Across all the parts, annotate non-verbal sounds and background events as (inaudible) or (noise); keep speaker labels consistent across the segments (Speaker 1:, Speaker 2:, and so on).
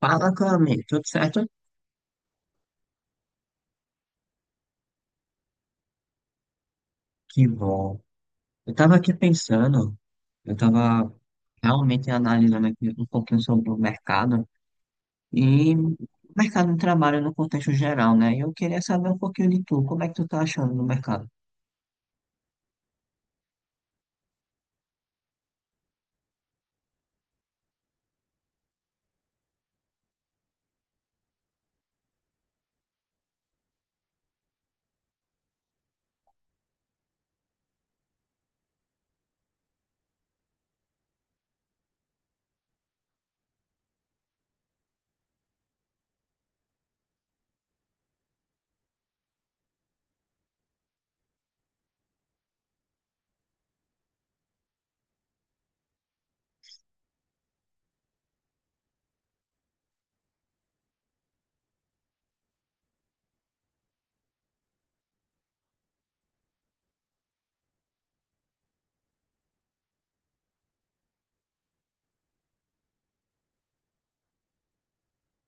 Speaker 1: Fala, Cami, tudo certo? Que bom. Eu estava aqui pensando, eu estava realmente analisando aqui um pouquinho sobre o mercado e o mercado de trabalho no contexto geral, né? E eu queria saber um pouquinho de tu, como é que tu tá achando no mercado?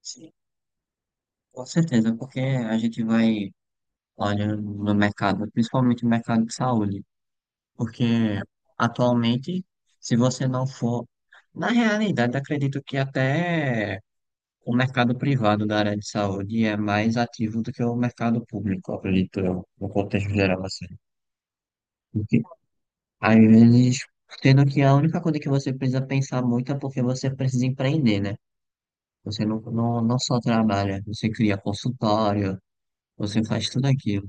Speaker 1: Sim, com certeza, porque a gente vai olhando no mercado, principalmente no mercado de saúde, porque atualmente, se você não for, na realidade, acredito que até. O mercado privado da área de saúde é mais ativo do que o mercado público, acredito eu, no contexto geral, assim. Porque, às vezes, sendo que a única coisa que você precisa pensar muito é porque você precisa empreender, né? Você não só trabalha, você cria consultório, você faz tudo aquilo.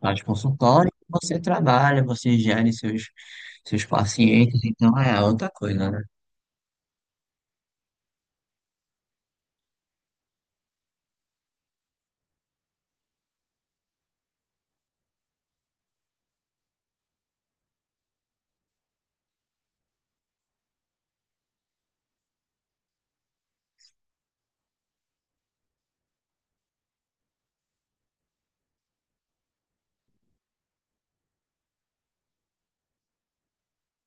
Speaker 1: Faz consultório, você trabalha, você gere seus pacientes, então é outra coisa, né?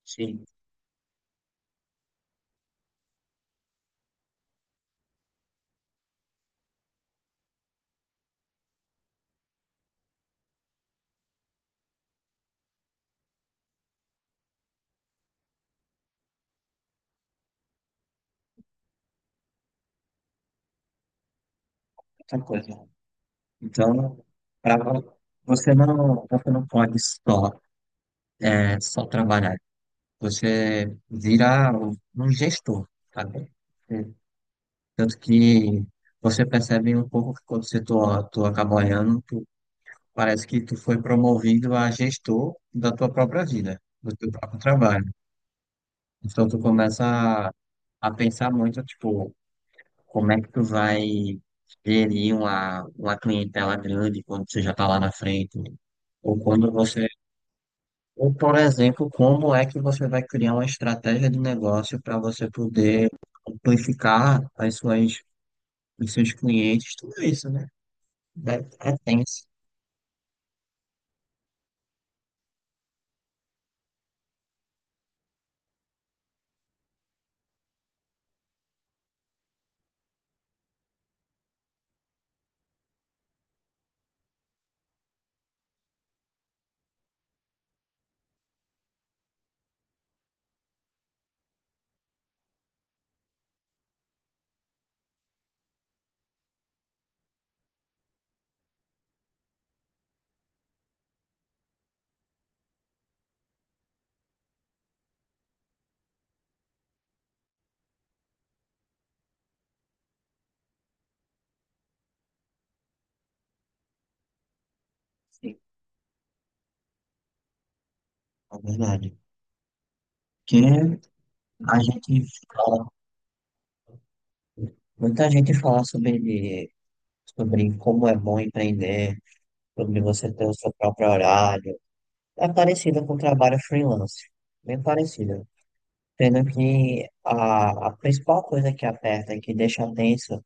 Speaker 1: Sim, outra coisa. Então, para você não pode só só trabalhar. Você vira um gestor, sabe? É, tanto que você percebe um pouco que quando tu acaba olhando, tu, parece que tu foi promovido a gestor da tua própria vida, do teu próprio trabalho. Então tu começa a, a pensar muito, tipo, como é que tu vai gerir uma clientela grande quando você já tá lá na frente, ou quando você. Ou, por exemplo, como é que você vai criar uma estratégia de negócio para você poder amplificar os seus clientes, tudo isso, né? É tenso, na verdade. Que a gente fala, muita gente fala sobre como é bom empreender, sobre você ter o seu próprio horário. É parecido com o trabalho freelance, bem parecido. Sendo que a principal coisa que aperta, que deixa tenso,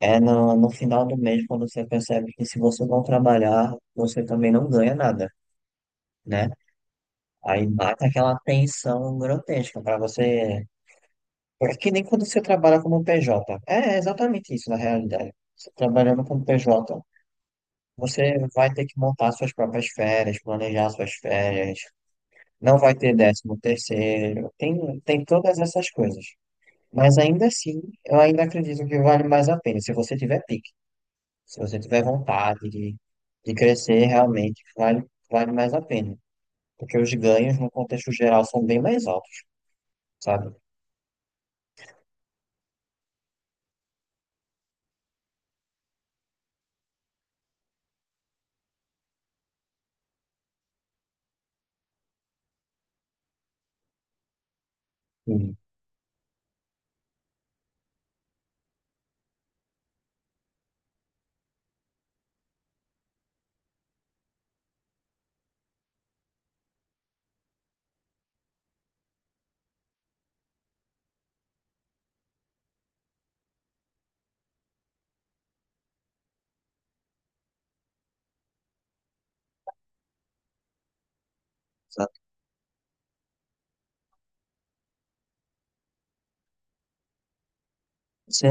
Speaker 1: é no final do mês quando você percebe que se você não trabalhar, você também não ganha nada, né? Aí bate aquela tensão grotesca para você. É que nem quando você trabalha como PJ. É exatamente isso na realidade. Você trabalhando como PJ, você vai ter que montar suas próprias férias, planejar suas férias, não vai ter décimo terceiro, tem todas essas coisas. Mas ainda assim, eu ainda acredito que vale mais a pena se você tiver pique. Se você tiver vontade de crescer, realmente vale mais a pena. Porque os ganhos, no contexto geral, são bem mais altos, sabe? Sim. Exato. Se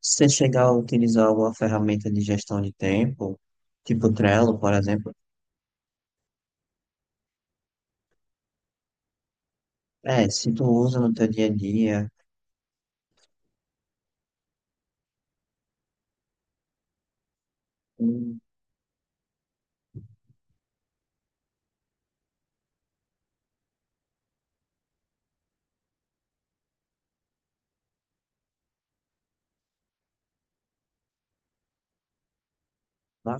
Speaker 1: você chegar a utilizar alguma ferramenta de gestão de tempo, tipo Trello, por exemplo, é, se tu usa no teu dia a dia, hum, tá?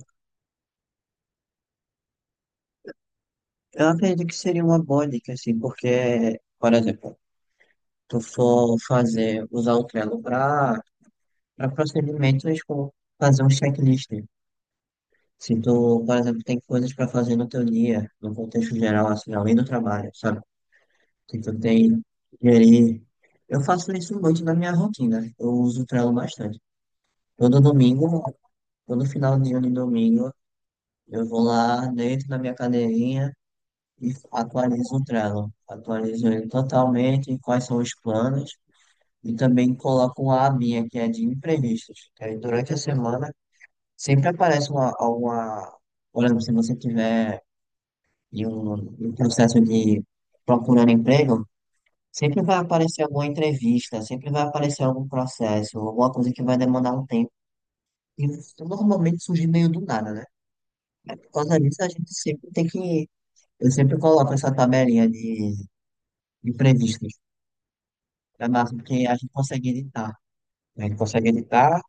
Speaker 1: Eu acredito que seria uma boa dica, assim, porque, por exemplo, tu for fazer, usar o Trello para procedimentos como fazer um checklist. Se tu, por exemplo, tem coisas para fazer no teu dia, no contexto geral, assim, além do trabalho, sabe? Se tu tem gerir. Eu faço isso muito na minha rotina. Eu uso o Trello bastante. Todo domingo, todo final de ano e domingo, eu vou lá dentro da minha cadeirinha e atualizo o Trello. Atualizo ele totalmente, quais são os planos. E também coloco uma abinha que é de imprevistos. Que aí durante a semana sempre aparece alguma. Por exemplo, se você tiver e o, e o processo de procurando emprego, sempre vai aparecer alguma entrevista, sempre vai aparecer algum processo, alguma coisa que vai demandar um tempo. E isso normalmente surge meio do nada, né? Mas por causa disso, a gente sempre tem que. Eu sempre coloco essa tabelinha de imprevistos. É massa, porque a gente consegue editar, né? A gente consegue editar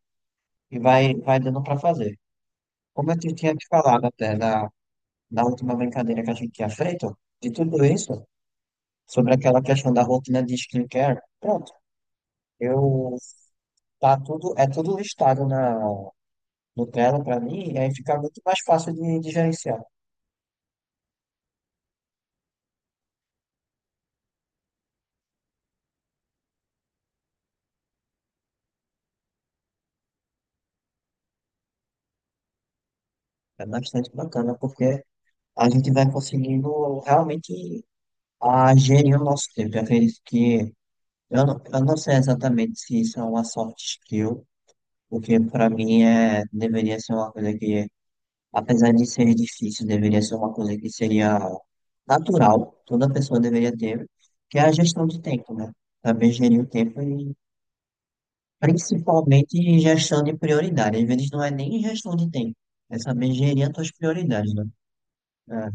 Speaker 1: e vai, vai dando para fazer. Como eu te tinha te falado até na última brincadeira que a gente tinha feito, de tudo isso, sobre aquela questão da rotina de skincare, pronto. Eu tá tudo, é tudo listado na no Trello para mim, e aí fica muito mais fácil de gerenciar. É bastante bacana, porque a gente vai conseguindo realmente a gerir o nosso tempo. Eu acredito que eu não sei exatamente se isso é uma soft skill, porque para mim é deveria ser uma coisa que, apesar de ser difícil, deveria ser uma coisa que seria natural, toda pessoa deveria ter, que é a gestão de tempo, né? Saber gerir o tempo e principalmente em gestão de prioridade. Às vezes não é nem gestão de tempo. É saber gerir as tuas prioridades, né? É,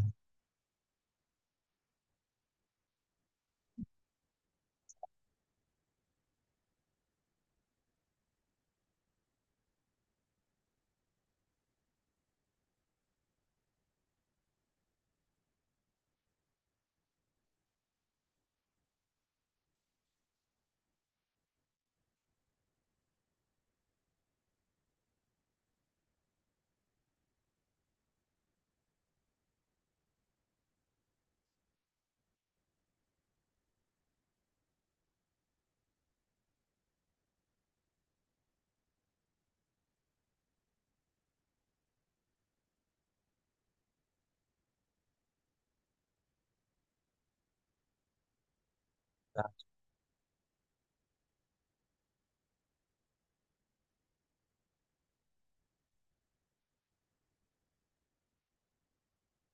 Speaker 1: tá,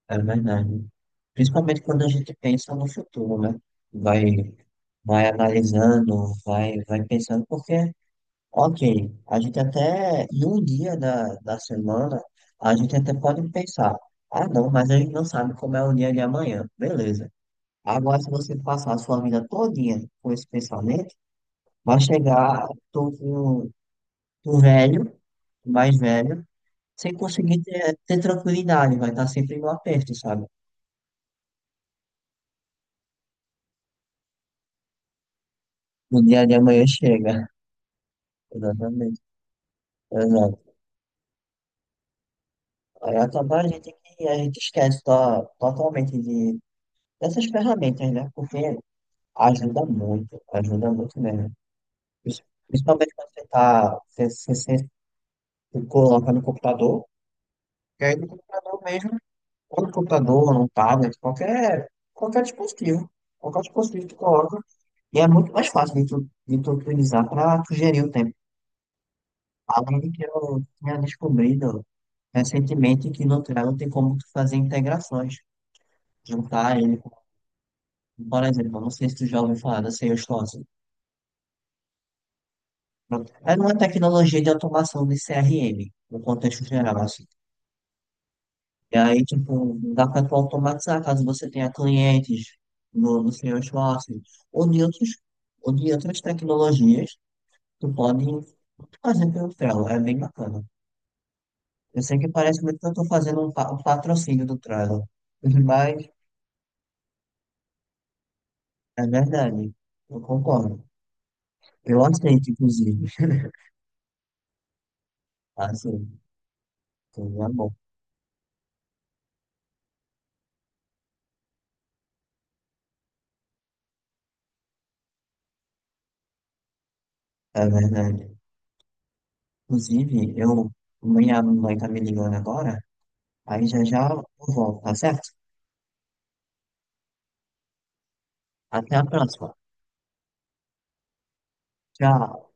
Speaker 1: é verdade. Principalmente quando a gente pensa no futuro, né? Vai, vai analisando, vai, vai pensando, porque, ok, a gente até, em um dia da semana, a gente até pode pensar, ah, não, mas a gente não sabe como é o dia de amanhã. Beleza. Agora, se você passar a sua vida todinha com esse pensamento, vai chegar, tô com o velho, o mais velho, sem conseguir ter, tranquilidade, vai estar sempre no aperto, sabe? O dia de amanhã chega. Exatamente. Exato. Aí acaba a gente que a gente esquece totalmente de, dessas ferramentas, né? Porque ajuda muito mesmo. Pris- Principalmente quando você tá, você, você, você coloca no computador, e aí no computador mesmo, ou no computador, ou no tablet, qualquer dispositivo. Qualquer dispositivo que tu coloca. E é muito mais fácil de tu utilizar para tu gerir o tempo. Além de que eu tinha descobrido recentemente que no Trello tem como tu fazer integrações, juntar ele com, por exemplo, eu não sei se tu já ouviu falar da Salesforce. Pronto. É uma tecnologia de automação de CRM, no contexto geral, assim. E aí, tipo, dá para tu automatizar caso você tenha clientes no Salesforce ou de outros, ou de outras tecnologias, tu pode fazer pelo Trello, é bem bacana. Eu sei que parece muito que eu estou fazendo um patrocínio do Trello, (laughs) mas é verdade, eu concordo. Eu aceito, inclusive. Tá? Assim então é bom. É verdade. Inclusive, eu, minha mãe tá me ligando agora, aí já já eu volto, tá certo? Até a próxima. Tchau.